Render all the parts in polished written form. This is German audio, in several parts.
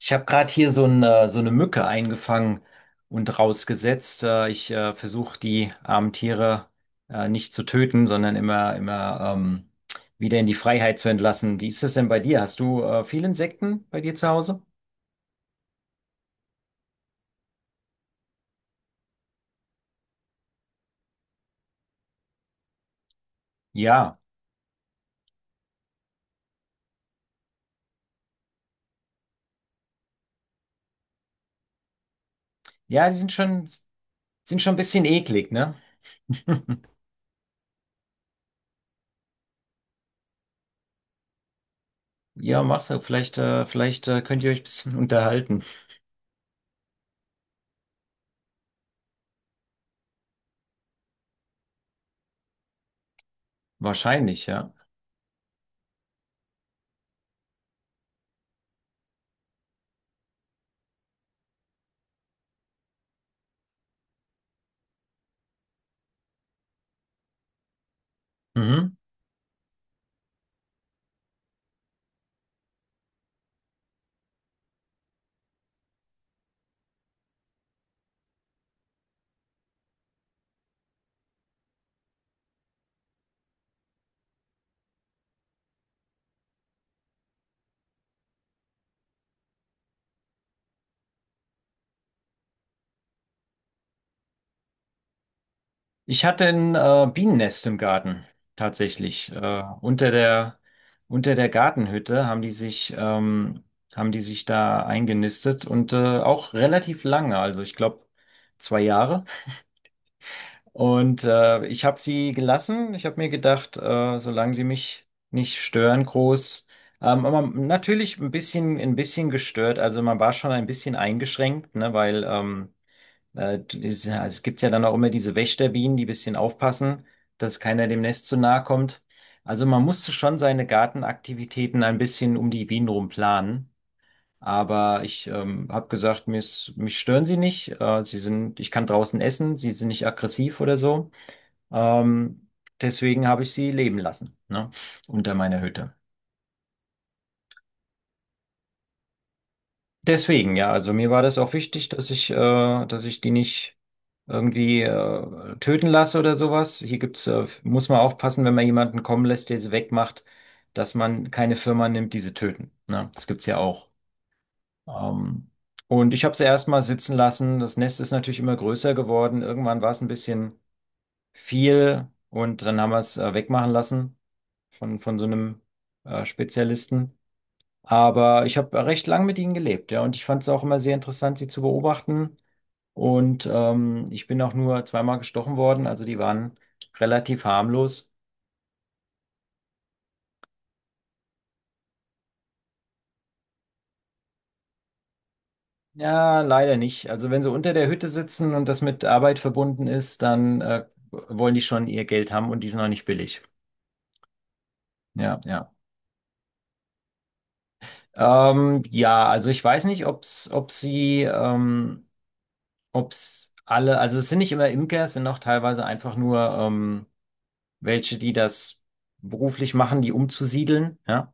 Ich habe gerade hier so eine Mücke eingefangen und rausgesetzt. Ich versuche die armen Tiere nicht zu töten, sondern immer wieder in die Freiheit zu entlassen. Wie ist das denn bei dir? Hast du viele Insekten bei dir zu Hause? Ja, ja, die sind schon ein bisschen eklig, ne? Ja, mach's. Vielleicht könnt ihr euch ein bisschen unterhalten. Wahrscheinlich, ja. Mhm. Ich hatte ein Bienennest im Garten, tatsächlich. Unter der Gartenhütte haben die sich da eingenistet und auch relativ lange, also ich glaube zwei Jahre. Und ich habe sie gelassen. Ich habe mir gedacht, solange sie mich nicht stören, groß. Aber natürlich ein bisschen gestört. Also man war schon ein bisschen eingeschränkt, ne, also es gibt ja dann auch immer diese Wächterbienen, die ein bisschen aufpassen, dass keiner dem Nest zu nahe kommt. Also man musste schon seine Gartenaktivitäten ein bisschen um die Bienen rum planen. Aber ich habe gesagt, mich stören sie nicht. Ich kann draußen essen, sie sind nicht aggressiv oder so. Ähm, Deswegen habe ich sie leben lassen, ne, unter meiner Hütte. Deswegen, ja, also mir war das auch wichtig, dass ich die nicht irgendwie töten lasse oder sowas. Hier gibt's, muss man aufpassen, wenn man jemanden kommen lässt, der sie wegmacht, dass man keine Firma nimmt, die sie töten. Ne? Das gibt's ja auch. Ähm, und ich habe sie erstmal sitzen lassen. Das Nest ist natürlich immer größer geworden. Irgendwann war es ein bisschen viel und dann haben wir es wegmachen lassen von so einem Spezialisten. Aber ich habe recht lang mit ihnen gelebt, ja, und ich fand es auch immer sehr interessant, sie zu beobachten. Und ich bin auch nur zweimal gestochen worden, also die waren relativ harmlos. Ja, leider nicht. Also wenn sie unter der Hütte sitzen und das mit Arbeit verbunden ist, dann wollen die schon ihr Geld haben und die sind noch nicht billig. Ja, ja. Ja, also ich weiß nicht, ob's alle, also es sind nicht immer Imker, es sind auch teilweise einfach nur welche, die das beruflich machen, die umzusiedeln, ja.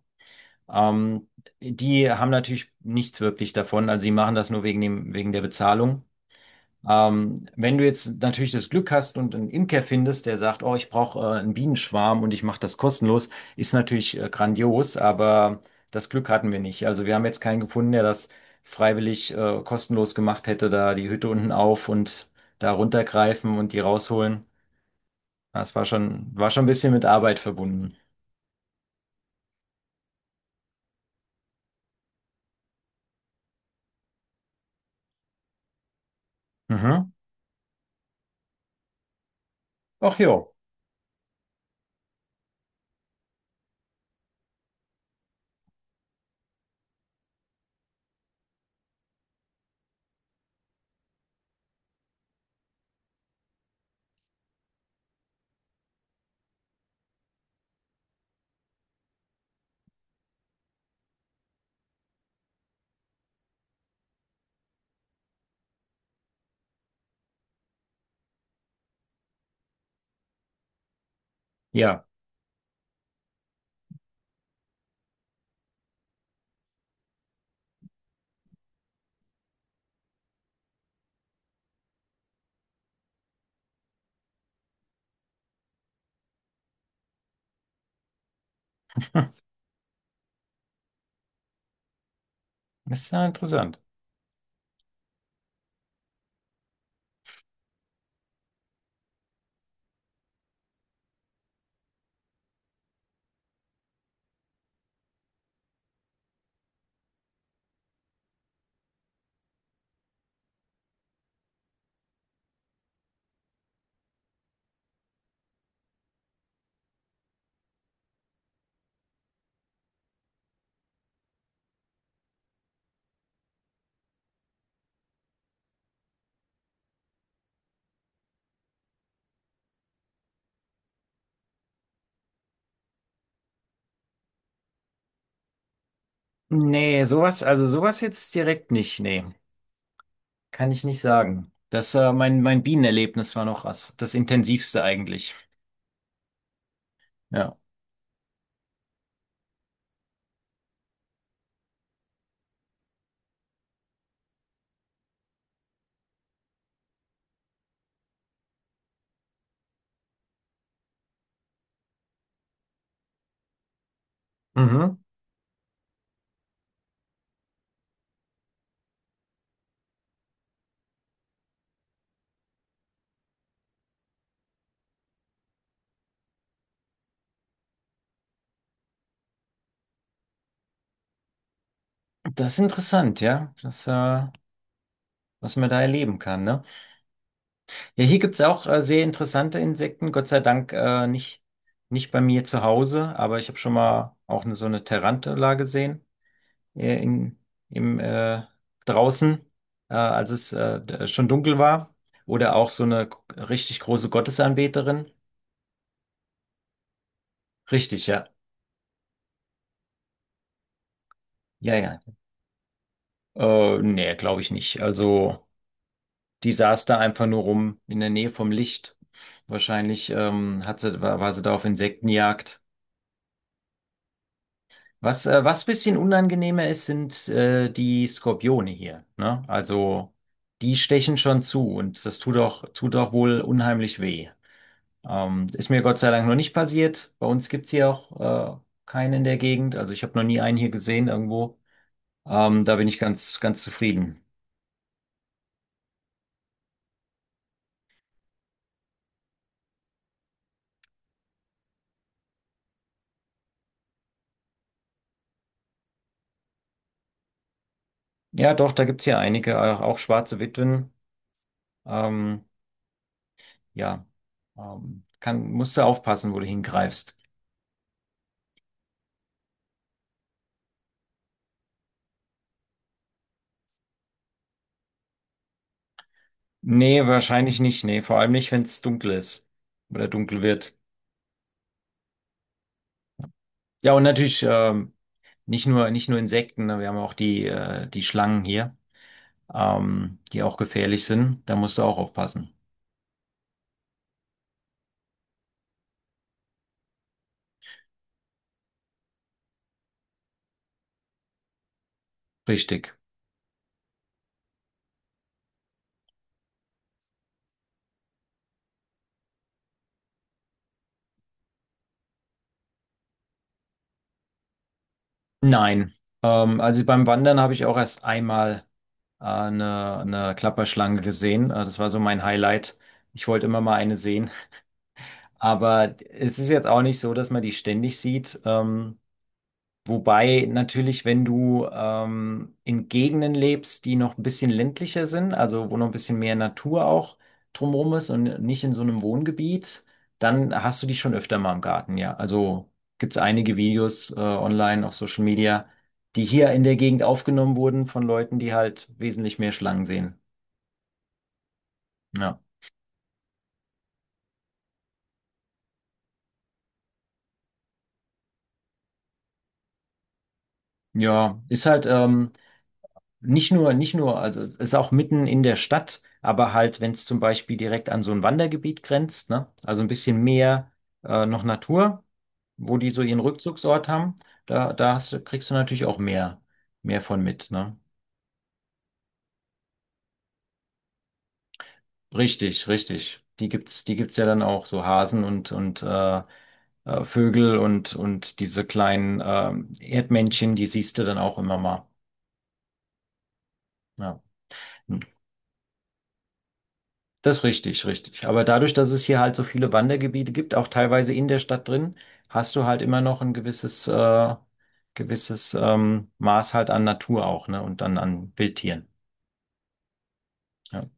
Ähm, Die haben natürlich nichts wirklich davon, also sie machen das nur wegen der Bezahlung. Wenn du jetzt natürlich das Glück hast und einen Imker findest, der sagt, oh, ich brauche einen Bienenschwarm und ich mache das kostenlos, ist natürlich grandios, aber das Glück hatten wir nicht. Also wir haben jetzt keinen gefunden, der das freiwillig kostenlos gemacht hätte, da die Hütte unten auf und da runtergreifen und die rausholen. Das war schon ein bisschen mit Arbeit verbunden. Mhm. Ach jo, ja, ist ja interessant. Nee, sowas, also sowas jetzt direkt nicht, nee, kann ich nicht sagen. Das, mein Bienenerlebnis war noch das intensivste eigentlich. Ja. Mhm. Das ist interessant, ja, das, was man da erleben kann, ne? Ja, hier gibt's auch sehr interessante Insekten, Gott sei Dank nicht bei mir zu Hause, aber ich habe schon mal auch eine, so eine Tarantula gesehen. äh, in, im, äh, Draußen, als es schon dunkel war. Oder auch so eine richtig große Gottesanbeterin. Richtig, ja. Ja, ja. Nee, glaube ich nicht. Also, die saß da einfach nur rum in der Nähe vom Licht. Wahrscheinlich war sie da auf Insektenjagd. Was, was bisschen unangenehmer ist, sind die Skorpione hier. Ne? Also, die stechen schon zu und das tut tut auch wohl unheimlich weh. Ist mir Gott sei Dank noch nicht passiert. Bei uns gibt's hier auch keinen in der Gegend. Also ich habe noch nie einen hier gesehen irgendwo. Da bin ich ganz zufrieden. Ja, doch, da gibt's hier einige, auch schwarze Witwen. Ähm, ja, musst du aufpassen, wo du hingreifst. Nee, wahrscheinlich nicht. Nee, vor allem nicht, wenn es dunkel ist oder dunkel wird. Ja, und natürlich nicht nur Insekten, ne, wir haben auch die, die Schlangen hier, die auch gefährlich sind. Da musst du auch aufpassen. Richtig. Nein. Also beim Wandern habe ich auch erst einmal eine Klapperschlange gesehen. Das war so mein Highlight. Ich wollte immer mal eine sehen. Aber es ist jetzt auch nicht so, dass man die ständig sieht. Wobei natürlich, wenn du in Gegenden lebst, die noch ein bisschen ländlicher sind, also wo noch ein bisschen mehr Natur auch drumherum ist und nicht in so einem Wohngebiet, dann hast du die schon öfter mal im Garten, ja. Also gibt's einige Videos online auf Social Media, die hier in der Gegend aufgenommen wurden von Leuten, die halt wesentlich mehr Schlangen sehen. Ja, ja, ist halt. Nicht nur, also es ist auch mitten in der Stadt, aber halt, wenn es zum Beispiel direkt an so ein Wandergebiet grenzt, ne? Also ein bisschen mehr noch Natur, wo die so ihren Rückzugsort haben, da kriegst du natürlich auch mehr von mit, ne? Richtig. Die gibt's ja dann auch, so Hasen und Vögel und diese kleinen Erdmännchen, die siehst du dann auch immer mal. Ja. Das ist richtig. Aber dadurch, dass es hier halt so viele Wandergebiete gibt, auch teilweise in der Stadt drin, hast du halt immer noch ein gewisses, Maß halt an Natur auch, ne? Und dann an Wildtieren. Ja.